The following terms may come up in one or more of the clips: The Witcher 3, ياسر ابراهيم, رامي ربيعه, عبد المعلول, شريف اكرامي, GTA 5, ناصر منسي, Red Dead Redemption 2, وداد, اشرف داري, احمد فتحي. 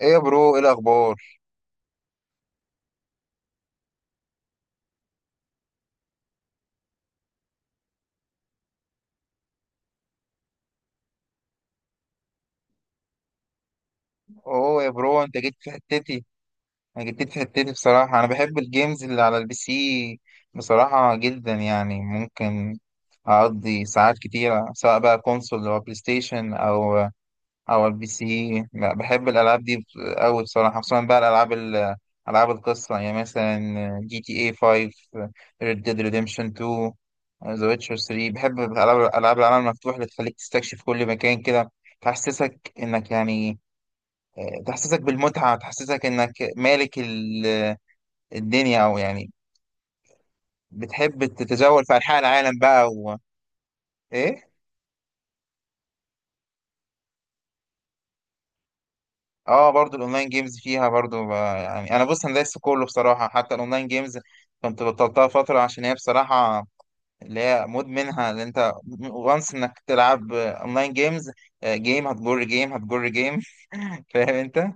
ايه يا برو، ايه الاخبار؟ اوه يا برو، انت جيت في حتتي. انا جيت في حتتي بصراحه. انا بحب الجيمز اللي على البي سي بصراحه جدا، يعني ممكن اقضي ساعات كتيره سواء بقى كونسول او بلاي ستيشن او البي سي. لا، بحب الالعاب دي قوي بصراحه، خصوصا بقى العاب القصه، يعني مثلا جي تي اي 5، ريد ديد ريديمشن 2، ذا ويتشر 3. بحب العاب العالم المفتوح اللي تخليك تستكشف كل مكان كده، تحسسك انك يعني، تحسسك بالمتعة، تحسسك إنك مالك الدنيا، أو يعني بتحب تتجول في أنحاء العالم بقى و... إيه؟ آه، برضو الأونلاين جيمز فيها برضو، يعني أنا بص أنا دايس في كله بصراحة، حتى الأونلاين جيمز كنت بطلتها فترة، عشان هي بصراحة اللي هي مدمنها اللي أنت وانس إنك تلعب أونلاين جيمز. جيم هتجر جيم هتجر جيم. فاهم أنت؟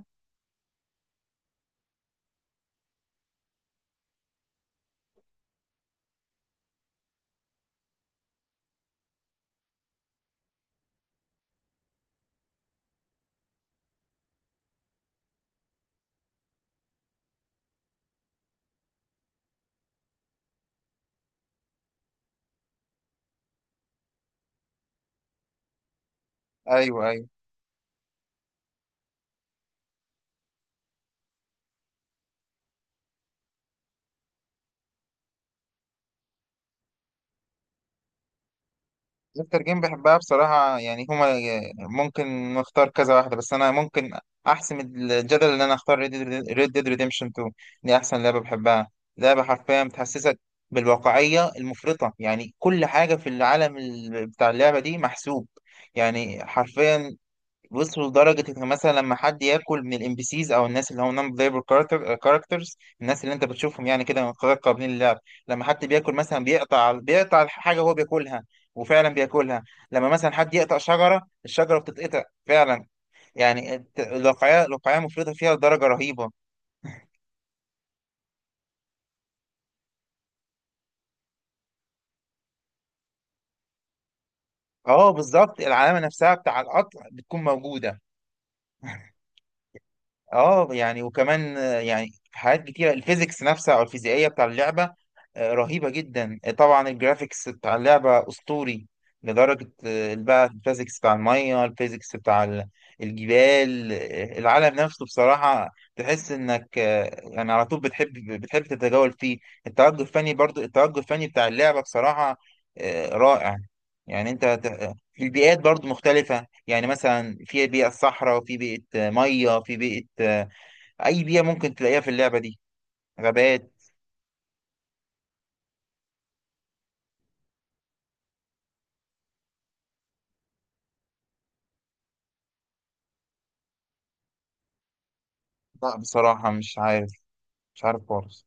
أيوه، أيوه. اكتر جيم بحبها بصراحة، يعني هما ممكن نختار كذا واحدة، بس انا ممكن احسم الجدل ان انا اختار ريد ديد ريديمشن 2. دي احسن لعبة بحبها. لعبة حرفيا بتحسسك بالواقعية المفرطة، يعني كل حاجة في العالم بتاع اللعبة دي محسوب، يعني حرفيا. بص، لدرجة إن مثلا لما حد ياكل من الام بي سيز أو الناس اللي هم نون بلايبل كاركترز، الناس اللي أنت بتشوفهم يعني كده من قبل قابلين للعب، لما حد بياكل مثلا بيقطع الحاجة هو بياكلها، وفعلا بياكلها. لما مثلا حد يقطع شجرة، الشجرة بتتقطع فعلا. يعني الواقعية مفرطة فيها لدرجة رهيبة. أه، بالظبط العلامة نفسها بتاع القطع بتكون موجودة. اه يعني، وكمان يعني حاجات كتيرة، الفيزيكس نفسها او الفيزيائية بتاع اللعبة رهيبة جدا. طبعا الجرافيكس بتاع اللعبة اسطوري لدرجة، بقى الفيزيكس بتاع المية، الفيزيكس بتاع الجبال، العالم نفسه بصراحة تحس انك يعني على طول بتحب تتجول فيه. التوجه الفني برضو، التوجه الفني بتاع اللعبة بصراحة رائع. يعني انت في البيئات برضو مختلفة، يعني مثلا في بيئة صحراء، وفي بيئة مية، في بيئة أي بيئة ممكن تلاقيها في اللعبة دي، غابات. لا بصراحة مش عارف. مش عارف خالص.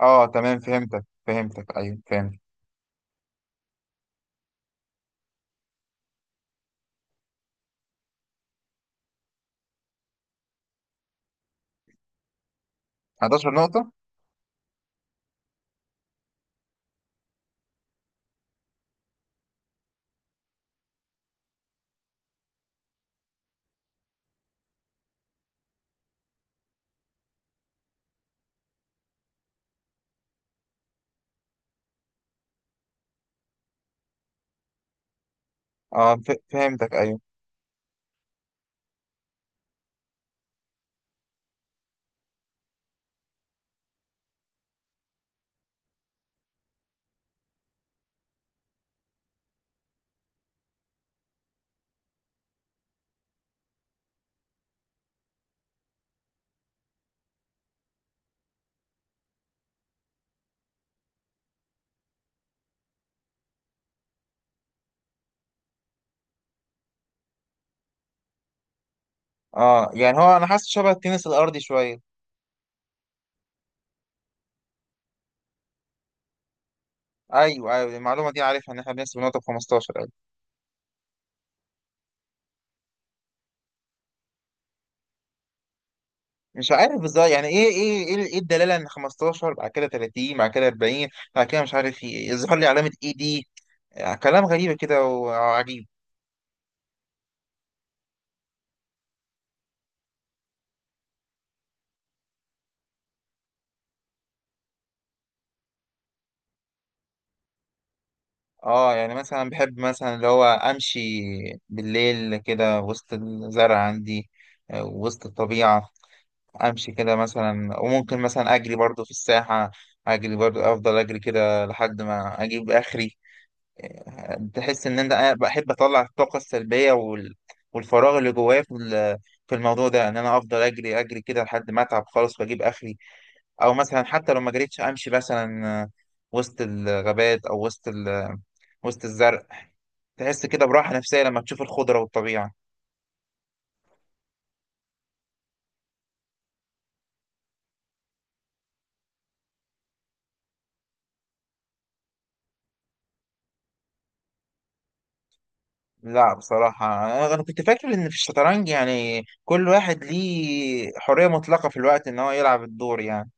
اه تمام، فهمتك، فهمتك، أيوه فهمت. 11 نقطة. اه، فهمتك، أيوه. اه يعني هو أنا حاسس شبه التنس الأرضي شوية. أيوه، أيوه، المعلومة دي عارفها، إن إحنا بنحسب نقطة ب 15، أيوه. مش عارف بالظبط يعني إيه إيه إيه إيه الدلالة، إن 15 بعد كده 30 بعد كده 40 بعد كده مش عارف إيه، يظهر لي علامة إي دي. كلام غريب كده وعجيب. اه يعني مثلا بحب مثلا اللي هو امشي بالليل كده وسط الزرع عندي، وسط الطبيعة. امشي كده مثلا، وممكن مثلا اجري برضو في الساحة. اجري برضو، افضل اجري كده لحد ما اجيب اخري. تحس ان انا بحب اطلع الطاقة السلبية والفراغ اللي جوايا في في الموضوع ده، ان انا افضل اجري اجري كده لحد ما اتعب خالص واجيب اخري. او مثلا حتى لو ما جريتش، امشي مثلا وسط الغابات او وسط وسط الزرع، تحس كده براحة نفسية لما تشوف الخضرة والطبيعة. لا بصراحة، أنا كنت فاكر إن في الشطرنج يعني كل واحد ليه حرية مطلقة في الوقت، إن هو يلعب الدور يعني.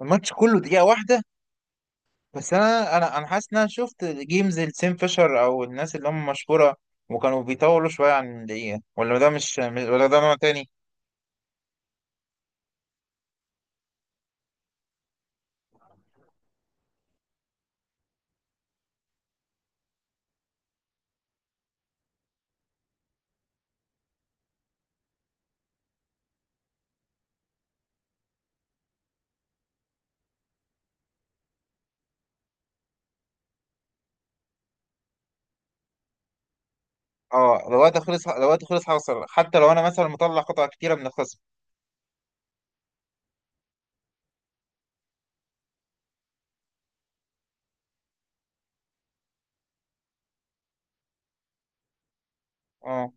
الماتش كله دقيقة واحدة؟ بس أنا حاسس إن أنا شفت جيمز لسيم فيشر أو الناس اللي هم مشهورة وكانوا بيطولوا شوية عن دقيقة، ولا ده مش، ولا ده نوع تاني؟ اه، لو وقت خلص حصل حتى لو أنا مثلا مطلع قطع كتيرة من الخصم. اه.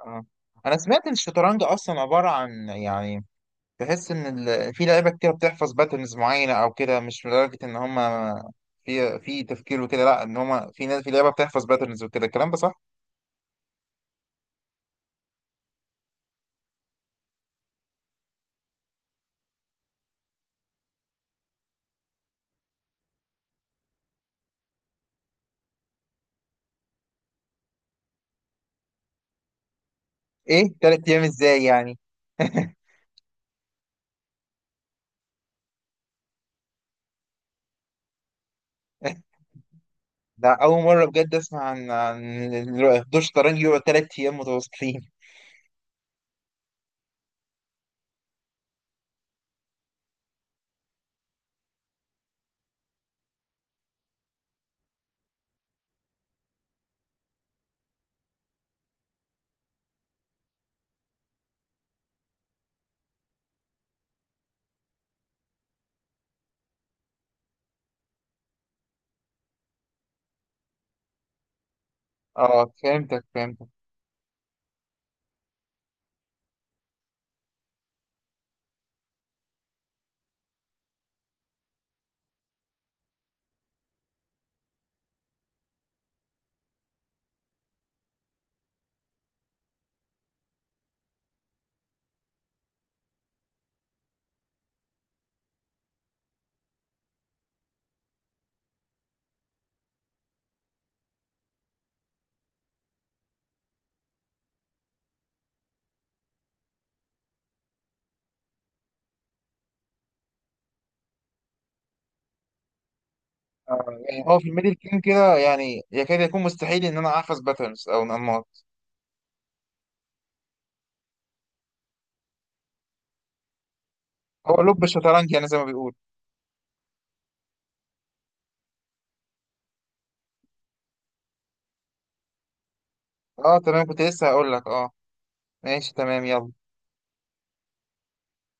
اه أنا سمعت إن الشطرنج أصلا عبارة عن، يعني تحس ان في لعيبه كتير بتحفظ باترنز معينه او كده، مش لدرجه ان هم في تفكير وكده، لا ان هم في ناس في لعيبه بتحفظ باترنز وكده، الكلام ده صح؟ ايه، 3 ايام ازاي يعني؟ ده اول مره بجد اسمع عن دور شطرنج يقعد 3 ايام متواصلين. اه، فهمتك، فهمتك. يعني هو في الميدل جيم كده، يعني يكاد يكون مستحيل ان انا احفظ باترنز او انماط. هو لب الشطرنج يعني زي ما بيقول. اه تمام، كنت لسه هقول لك اه، ماشي تمام يلا.